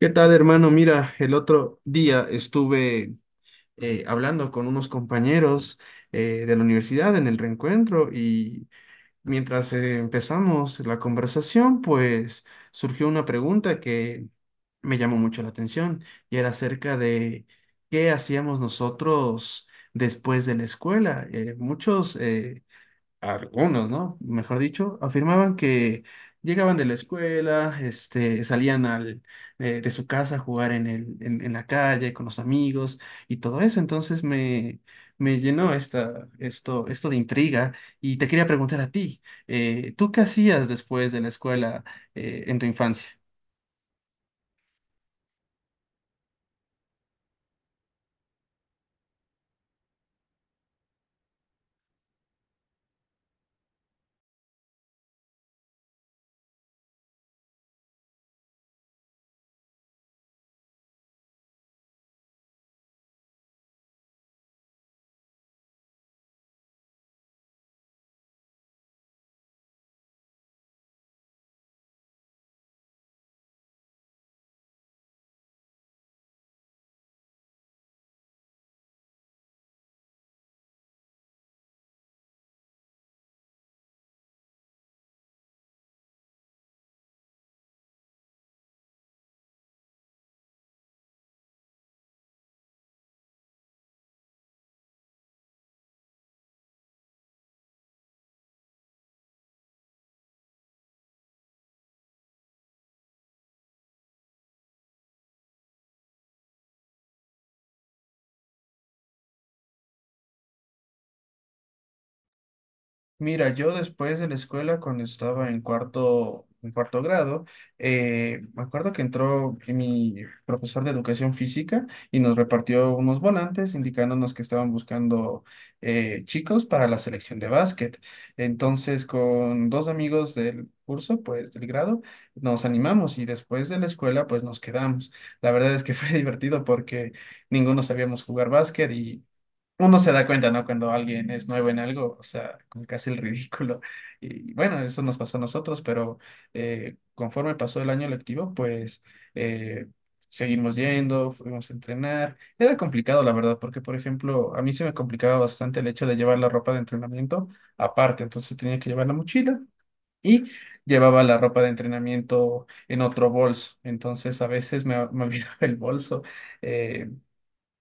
¿Qué tal, hermano? Mira, el otro día estuve hablando con unos compañeros de la universidad en el reencuentro y mientras empezamos la conversación, pues surgió una pregunta que me llamó mucho la atención y era acerca de qué hacíamos nosotros después de la escuela. Muchos algunos, ¿no? Mejor dicho, afirmaban que llegaban de la escuela, este, salían de su casa a jugar en la calle con los amigos y todo eso. Entonces me llenó esto de intriga y te quería preguntar a ti, ¿tú qué hacías después de la escuela, en tu infancia? Mira, yo después de la escuela, cuando estaba en cuarto grado, me acuerdo que entró mi profesor de educación física y nos repartió unos volantes indicándonos que estaban buscando chicos para la selección de básquet. Entonces, con dos amigos del curso, pues del grado, nos animamos y después de la escuela, pues nos quedamos. La verdad es que fue divertido porque ninguno sabíamos jugar básquet y uno se da cuenta, ¿no? Cuando alguien es nuevo en algo, o sea, como que hace el ridículo. Y bueno, eso nos pasó a nosotros, pero conforme pasó el año lectivo, pues eh, seguimos yendo, fuimos a entrenar. Era complicado, la verdad, porque, por ejemplo, a mí se me complicaba bastante el hecho de llevar la ropa de entrenamiento aparte, entonces tenía que llevar la mochila. Y llevaba la ropa de entrenamiento en otro bolso. Entonces a veces me olvidaba el bolso. eh,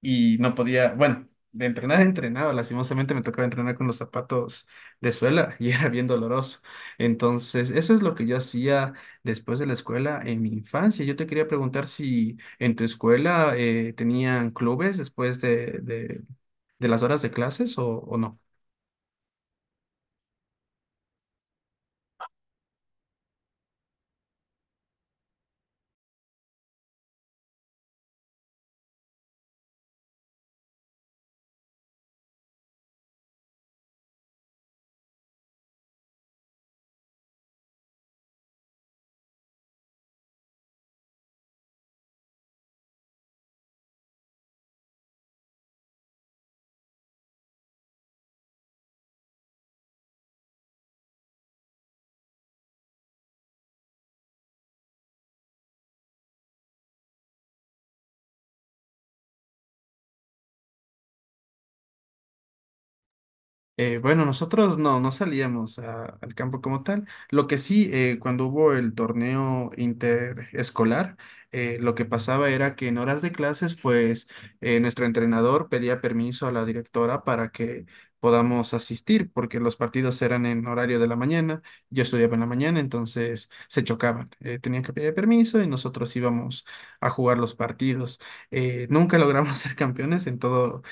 y no podía, bueno, de entrenar a entrenado lastimosamente me tocaba entrenar con los zapatos de suela y era bien doloroso. Entonces, eso es lo que yo hacía después de la escuela en mi infancia. Yo te quería preguntar si en tu escuela tenían clubes después de las horas de clases o no. Bueno, nosotros no, no salíamos al campo como tal. Lo que sí, cuando hubo el torneo interescolar, lo que pasaba era que en horas de clases, pues nuestro entrenador pedía permiso a la directora para que podamos asistir, porque los partidos eran en horario de la mañana, yo estudiaba en la mañana, entonces se chocaban. Tenían que pedir permiso y nosotros íbamos a jugar los partidos. Nunca logramos ser campeones en todo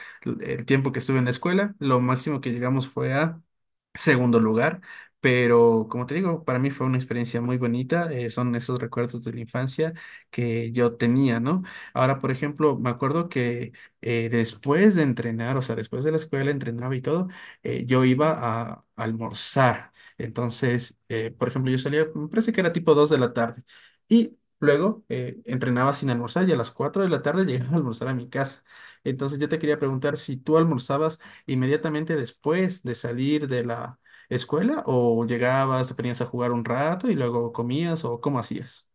el tiempo que estuve en la escuela. Lo máximo que llegamos fue a segundo lugar, pero como te digo, para mí fue una experiencia muy bonita. Eh, son esos recuerdos de la infancia que yo tenía, ¿no? Ahora, por ejemplo, me acuerdo que después de entrenar, o sea, después de la escuela, entrenaba y todo, yo iba a almorzar. Entonces, por ejemplo, yo salía, me parece que era tipo 2 de la tarde. Y luego entrenaba sin almorzar y a las 4 de la tarde llegaba a almorzar a mi casa. Entonces yo te quería preguntar si tú almorzabas inmediatamente después de salir de la escuela o llegabas, te ponías a jugar un rato y luego comías o cómo hacías.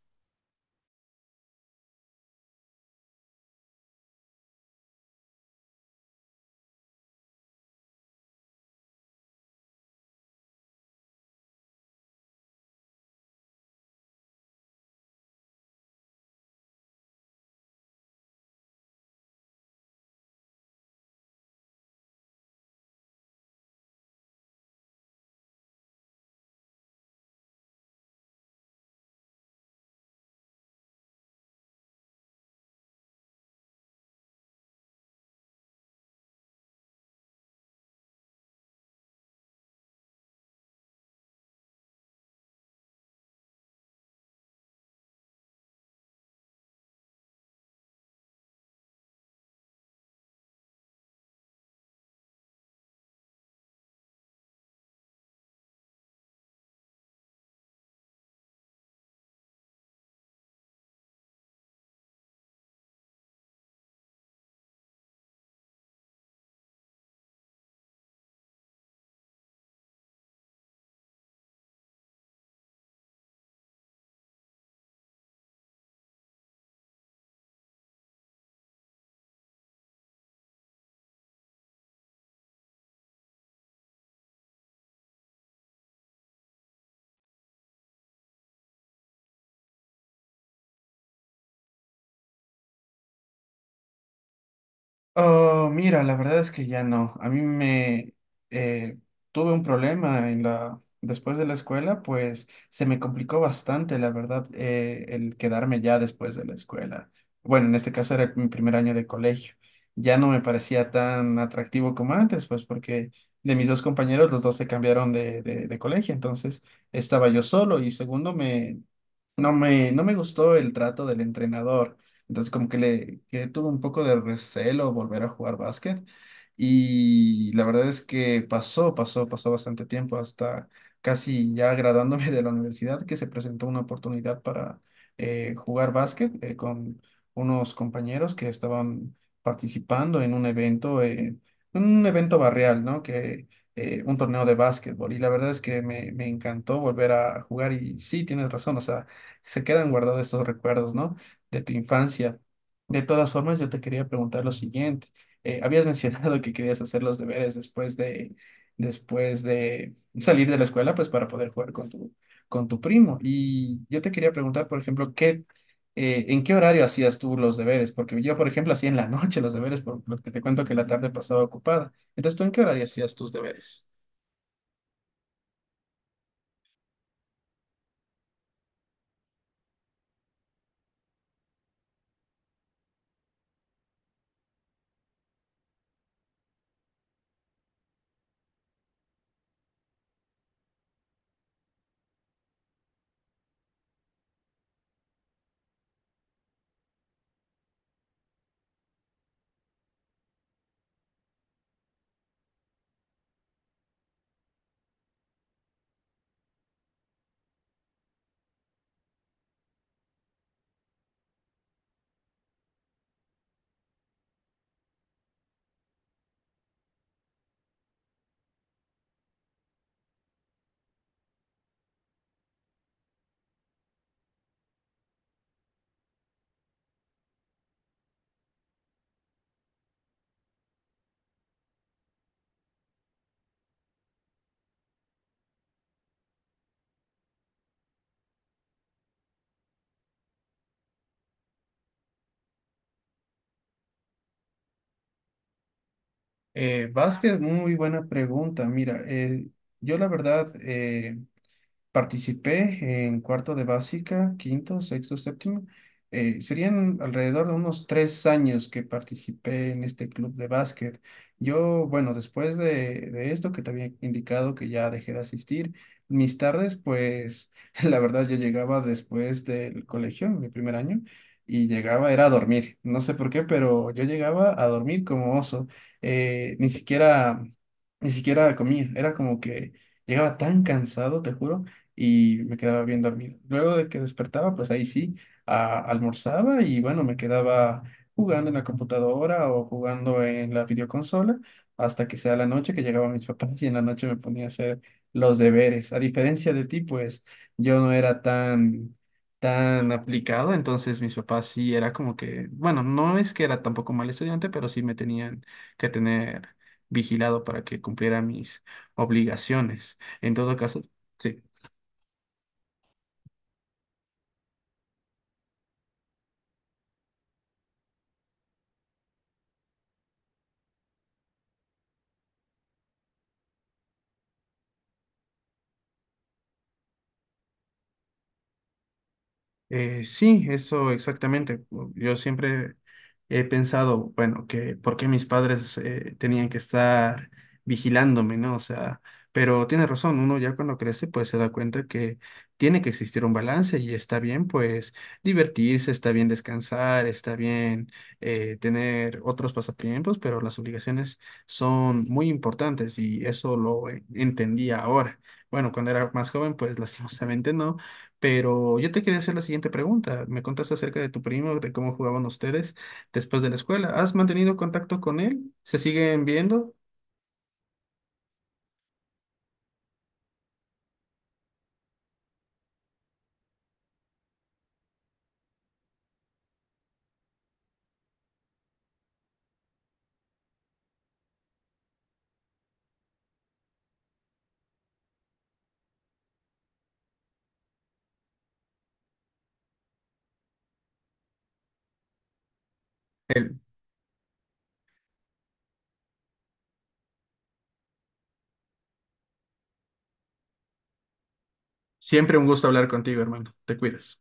Oh, mira, la verdad es que ya no. A mí me eh, tuve un problema en la después de la escuela, pues se me complicó bastante, la verdad, el quedarme ya después de la escuela. Bueno, en este caso era mi primer año de colegio. Ya no me parecía tan atractivo como antes, pues porque de mis dos compañeros, los dos se cambiaron de colegio, entonces estaba yo solo y segundo, no me gustó el trato del entrenador. Entonces, como que le que tuve un poco de recelo volver a jugar básquet. Y la verdad es que pasó bastante tiempo hasta casi ya graduándome de la universidad que se presentó una oportunidad para jugar básquet con unos compañeros que estaban participando en un evento barrial, ¿no? Que un torneo de básquetbol. Y la verdad es que me encantó volver a jugar y sí, tienes razón, o sea se quedan guardados esos recuerdos, ¿no? De tu infancia. De todas formas, yo te quería preguntar lo siguiente. Habías mencionado que querías hacer los deberes después después de salir de la escuela, pues para poder jugar con con tu primo. Y yo te quería preguntar, por ejemplo, ¿en qué horario hacías tú los deberes? Porque yo, por ejemplo, hacía en la noche los deberes, por lo que te cuento que la tarde pasaba ocupada. Entonces, ¿tú en qué horario hacías tus deberes? Vázquez, muy buena pregunta. Mira, yo la verdad, participé en cuarto de básica, quinto, sexto, séptimo. Serían alrededor de unos 3 años que participé en este club de básquet. Yo, bueno, después de esto que te había indicado que ya dejé de asistir, mis tardes, pues la verdad yo llegaba después del colegio, mi primer año, y llegaba, era a dormir. No sé por qué, pero yo llegaba a dormir como oso. Eh, ni siquiera, ni siquiera comía. Era como que llegaba tan cansado, te juro y me quedaba bien dormido. Luego de que despertaba, pues ahí sí, almorzaba y bueno, me quedaba jugando en la computadora o jugando en la videoconsola hasta que sea la noche que llegaban mis papás y en la noche me ponía a hacer los deberes. A diferencia de ti, pues yo no era tan aplicado, entonces mis papás sí era como que, bueno, no es que era tampoco mal estudiante, pero sí me tenían que tener vigilado para que cumpliera mis obligaciones. En todo caso, sí. Sí, eso exactamente. Yo siempre he pensado, bueno, que por qué mis padres tenían que estar vigilándome, ¿no? O sea, pero tiene razón, uno ya cuando crece pues se da cuenta que tiene que existir un balance y está bien pues divertirse, está bien descansar, está bien tener otros pasatiempos, pero las obligaciones son muy importantes y eso lo entendí ahora. Bueno, cuando era más joven pues lastimosamente no, pero yo te quería hacer la siguiente pregunta. Me contaste acerca de tu primo, de cómo jugaban ustedes después de la escuela. ¿Has mantenido contacto con él? ¿Se siguen viendo? Él. Siempre un gusto hablar contigo, hermano. Te cuidas.